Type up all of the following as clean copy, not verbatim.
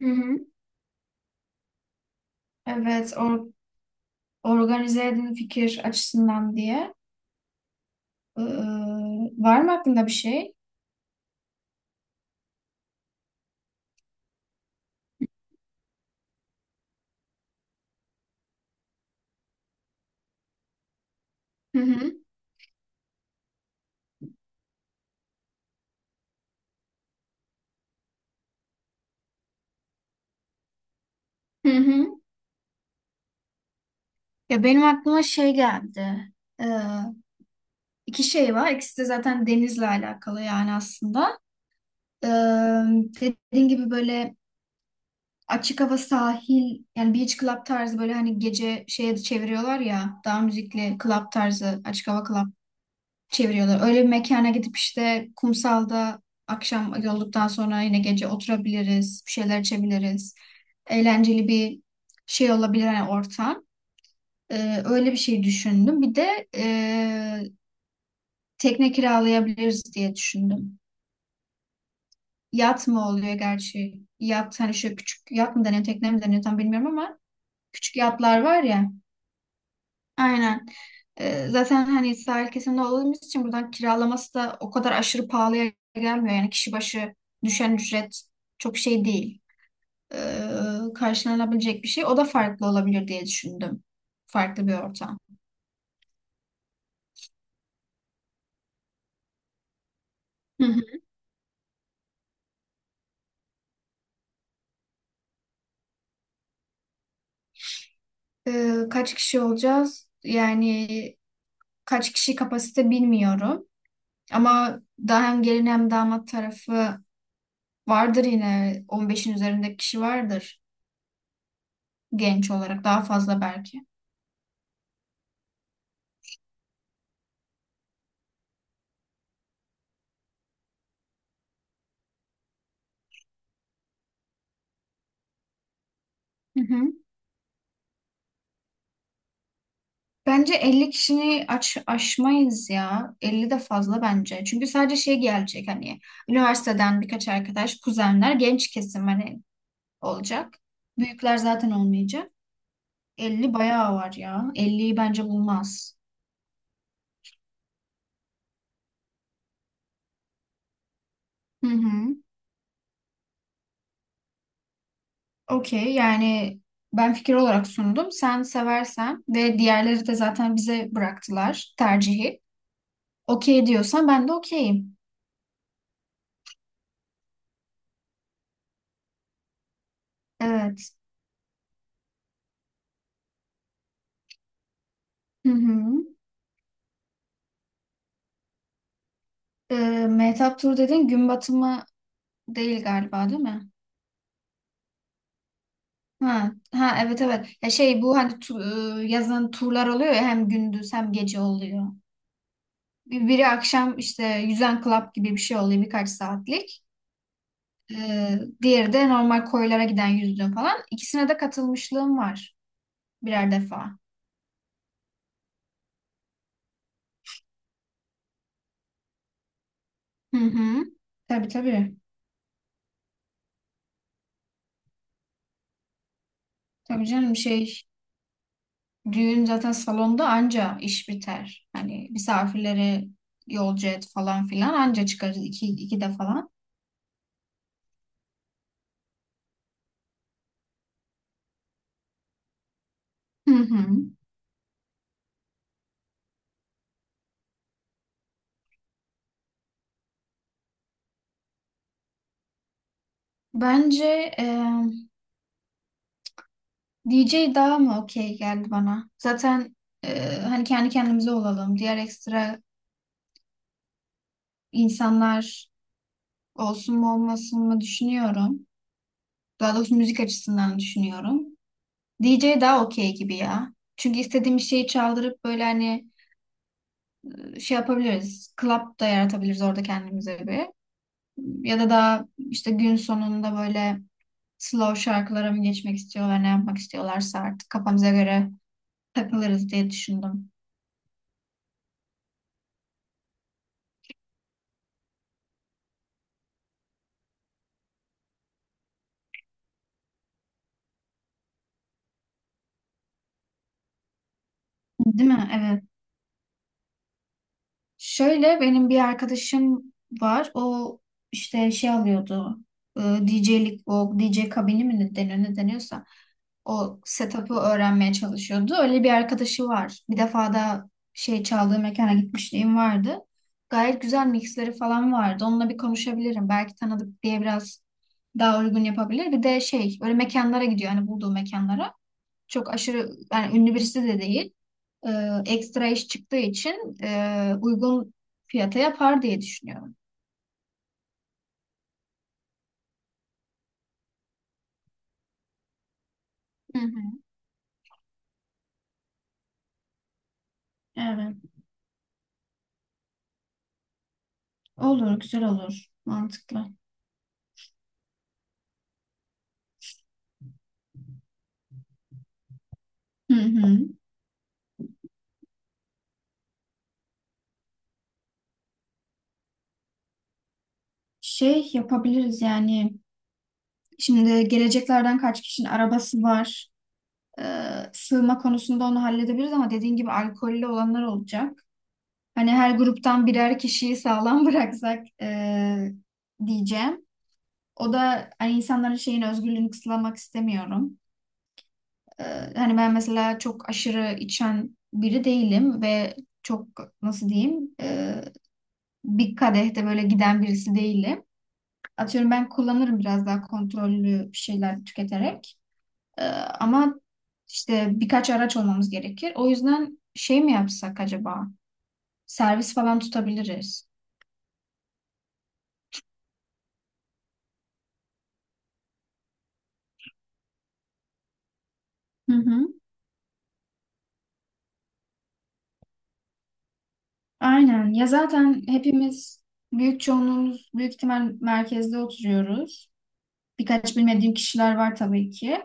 Hı hı. Evet, organize edin fikir açısından diye. Ee, Var mı aklında bir şey? Hı hı. Hı hı. Ya benim aklıma şey geldi. Ee, iki şey var. İkisi de zaten denizle alakalı yani aslında. Ee, Dediğin gibi böyle açık hava sahil yani beach club tarzı böyle hani gece şeye de çeviriyorlar ya daha müzikli club tarzı açık hava club çeviriyorlar. Öyle bir mekana gidip işte kumsalda akşam yolduktan sonra yine gece oturabiliriz, bir şeyler içebiliriz. Eğlenceli bir şey olabilir hani ortam. Öyle bir şey düşündüm. Bir de tekne kiralayabiliriz diye düşündüm. Yat mı oluyor gerçi? Yat hani şöyle küçük yat mı deniyor, tekne mi deniyor tam bilmiyorum ama küçük yatlar var ya. Aynen. Zaten hani sahil kesiminde olduğumuz için buradan kiralaması da o kadar aşırı pahalıya gelmiyor. Yani kişi başı düşen ücret çok şey değil. Ee, Karşılanabilecek bir şey. O da farklı olabilir diye düşündüm. Farklı bir ortam. Hı hı. Kaç kişi olacağız? Yani kaç kişi kapasite bilmiyorum. Ama daha hem gelin hem damat tarafı vardır yine. 15'in üzerinde kişi vardır genç olarak. Daha fazla belki. Hı hı. Bence elli kişini aşmayız ya. Elli de fazla bence. Çünkü sadece şey gelecek hani üniversiteden birkaç arkadaş, kuzenler, genç kesim hani olacak. Büyükler zaten olmayacak. 50 bayağı var ya. 50'yi bence bulmaz. Hı hı. Okey yani ben fikir olarak sundum. Sen seversen ve diğerleri de zaten bize bıraktılar tercihi. Okey diyorsan ben de okeyim. Evet. Hı hı. Mehtap Tur dedin gün batımı değil galiba değil mi? Ha, ha evet evet. Ya şey bu hani yazın turlar oluyor ya hem gündüz hem gece oluyor. Biri akşam işte yüzen club gibi bir şey oluyor birkaç saatlik. Diğeri de normal koylara giden yüzdüğüm falan. İkisine de katılmışlığım var birer defa. Hı hı. Tabii tabii. Tabii canım şey düğün zaten salonda anca iş biter. Hani misafirleri yolcu et falan filan anca çıkarız iki, iki de falan. Hı hı. Bence DJ daha mı okey geldi bana? Zaten hani kendi kendimize olalım. Diğer ekstra insanlar olsun mu olmasın mı düşünüyorum. Daha doğrusu müzik açısından düşünüyorum. DJ daha okey gibi ya. Çünkü istediğimiz şeyi çaldırıp böyle hani şey yapabiliriz. Club da yaratabiliriz orada kendimize bir. Ya da daha işte gün sonunda böyle slow şarkılara mı geçmek istiyorlar, ne yapmak istiyorlarsa artık kafamıza göre takılırız diye düşündüm. Değil mi? Evet. Şöyle benim bir arkadaşım var. O işte şey alıyordu. e, DJ'lik o DJ kabini mi ne deniyor ne deniyorsa o setup'ı öğrenmeye çalışıyordu. Öyle bir arkadaşı var. Bir defa da şey çaldığı mekana gitmişliğim vardı. Gayet güzel mixleri falan vardı. Onunla bir konuşabilirim. Belki tanıdık diye biraz daha uygun yapabilir. Bir de şey öyle mekanlara gidiyor. Hani bulduğu mekanlara çok aşırı yani ünlü birisi de değil. Ee, Ekstra iş çıktığı için uygun fiyata yapar diye düşünüyorum. Hı hı. Evet. Olur, güzel olur. Mantıklı. Hı hı. Şey yapabiliriz yani. Şimdi geleceklerden kaç kişinin arabası var. Sığma konusunda onu halledebiliriz ama dediğin gibi alkollü olanlar olacak. Hani her gruptan birer kişiyi sağlam bıraksak diyeceğim. O da hani insanların şeyin özgürlüğünü kısıtlamak istemiyorum. Ee, Hani ben mesela çok aşırı içen biri değilim ve çok nasıl diyeyim bir kadehte böyle giden birisi değilim. Atıyorum ben kullanırım biraz daha kontrollü bir şeyler tüketerek. Ee, Ama işte birkaç araç olmamız gerekir. O yüzden şey mi yapsak acaba? Servis falan tutabiliriz. Hı hı. Aynen. Ya zaten hepimiz büyük çoğunluğumuz büyük ihtimal merkezde oturuyoruz. Birkaç bilmediğim kişiler var tabii ki.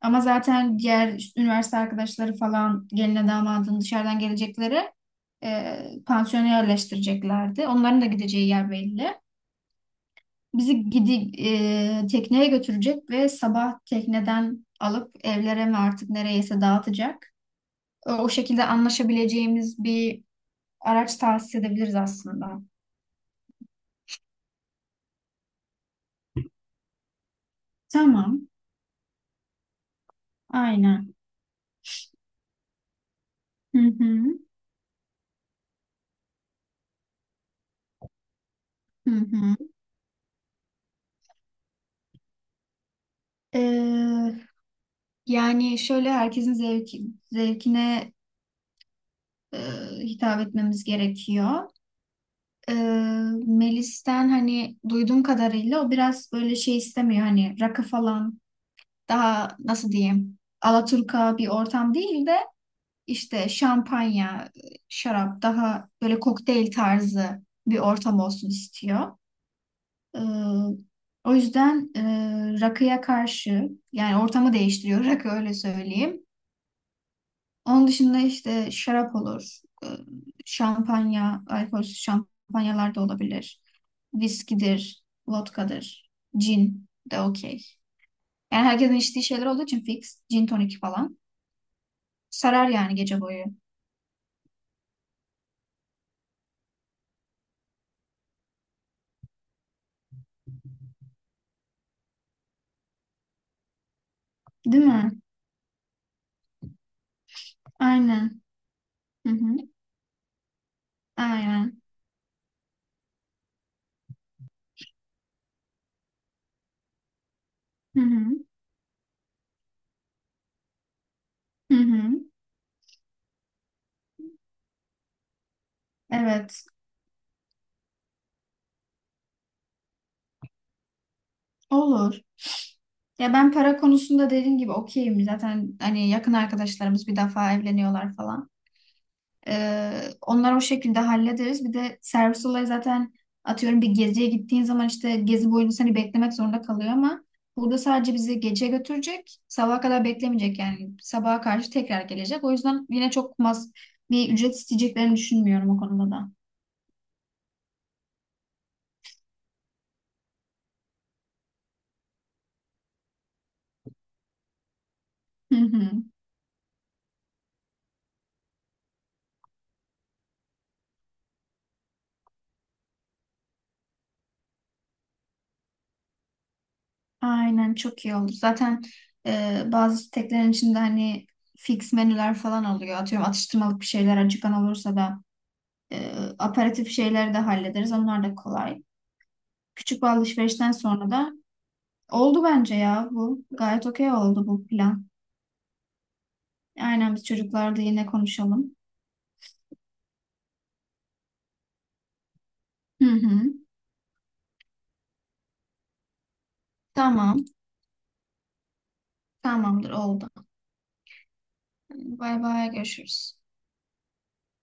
Ama zaten diğer işte üniversite arkadaşları falan geline damadın dışarıdan gelecekleri pansiyona yerleştireceklerdi. Onların da gideceği yer belli. Bizi tekneye götürecek ve sabah tekneden alıp evlere mi artık nereyese dağıtacak. O şekilde anlaşabileceğimiz bir araç tahsis edebiliriz aslında. Tamam, aynen. Hı hı, hı hı. E, Yani şöyle zevkine e, hitap etmemiz gerekiyor. E, Melis'ten hani duyduğum kadarıyla o biraz böyle şey istemiyor hani rakı falan daha nasıl diyeyim Alaturka bir ortam değil de işte şampanya, şarap daha böyle kokteyl tarzı bir ortam olsun istiyor. E, O yüzden rakıya karşı yani ortamı değiştiriyor rakı öyle söyleyeyim. Onun dışında işte şarap olur, şampanya, alkolsüz şampanyalar da olabilir. Viskidir, vodkadır, cin de okey. Yani herkesin içtiği şeyler olduğu için fix, cin tonik falan. Sarar yani gece boyu. Değil mi? Aynen. Hı hı. Aynen. Hı hı. Hı hı. Evet. Olur. Ya ben para konusunda dediğim gibi okeyim. Zaten hani yakın arkadaşlarımız bir defa evleniyorlar falan. Onları o şekilde hallederiz. Bir de servis olayı zaten atıyorum bir geziye gittiğin zaman işte gezi boyunca seni beklemek zorunda kalıyor ama burada sadece bizi gece götürecek. Sabaha kadar beklemeyecek yani. Sabaha karşı tekrar gelecek. O yüzden yine çok mas bir ücret isteyeceklerini düşünmüyorum o konuda da. Hı hı. Aynen çok iyi oldu. Zaten bazı sitelerin içinde hani fix menüler falan oluyor. Atıyorum atıştırmalık bir şeyler acıkan olursa da e, aperatif şeyleri de hallederiz. Onlar da kolay. Küçük bir alışverişten sonra da oldu bence ya bu. Gayet okey oldu bu plan. Aynen biz çocuklarda yine konuşalım. Hı hı. Tamam. Tamamdır oldu. Bay bay görüşürüz.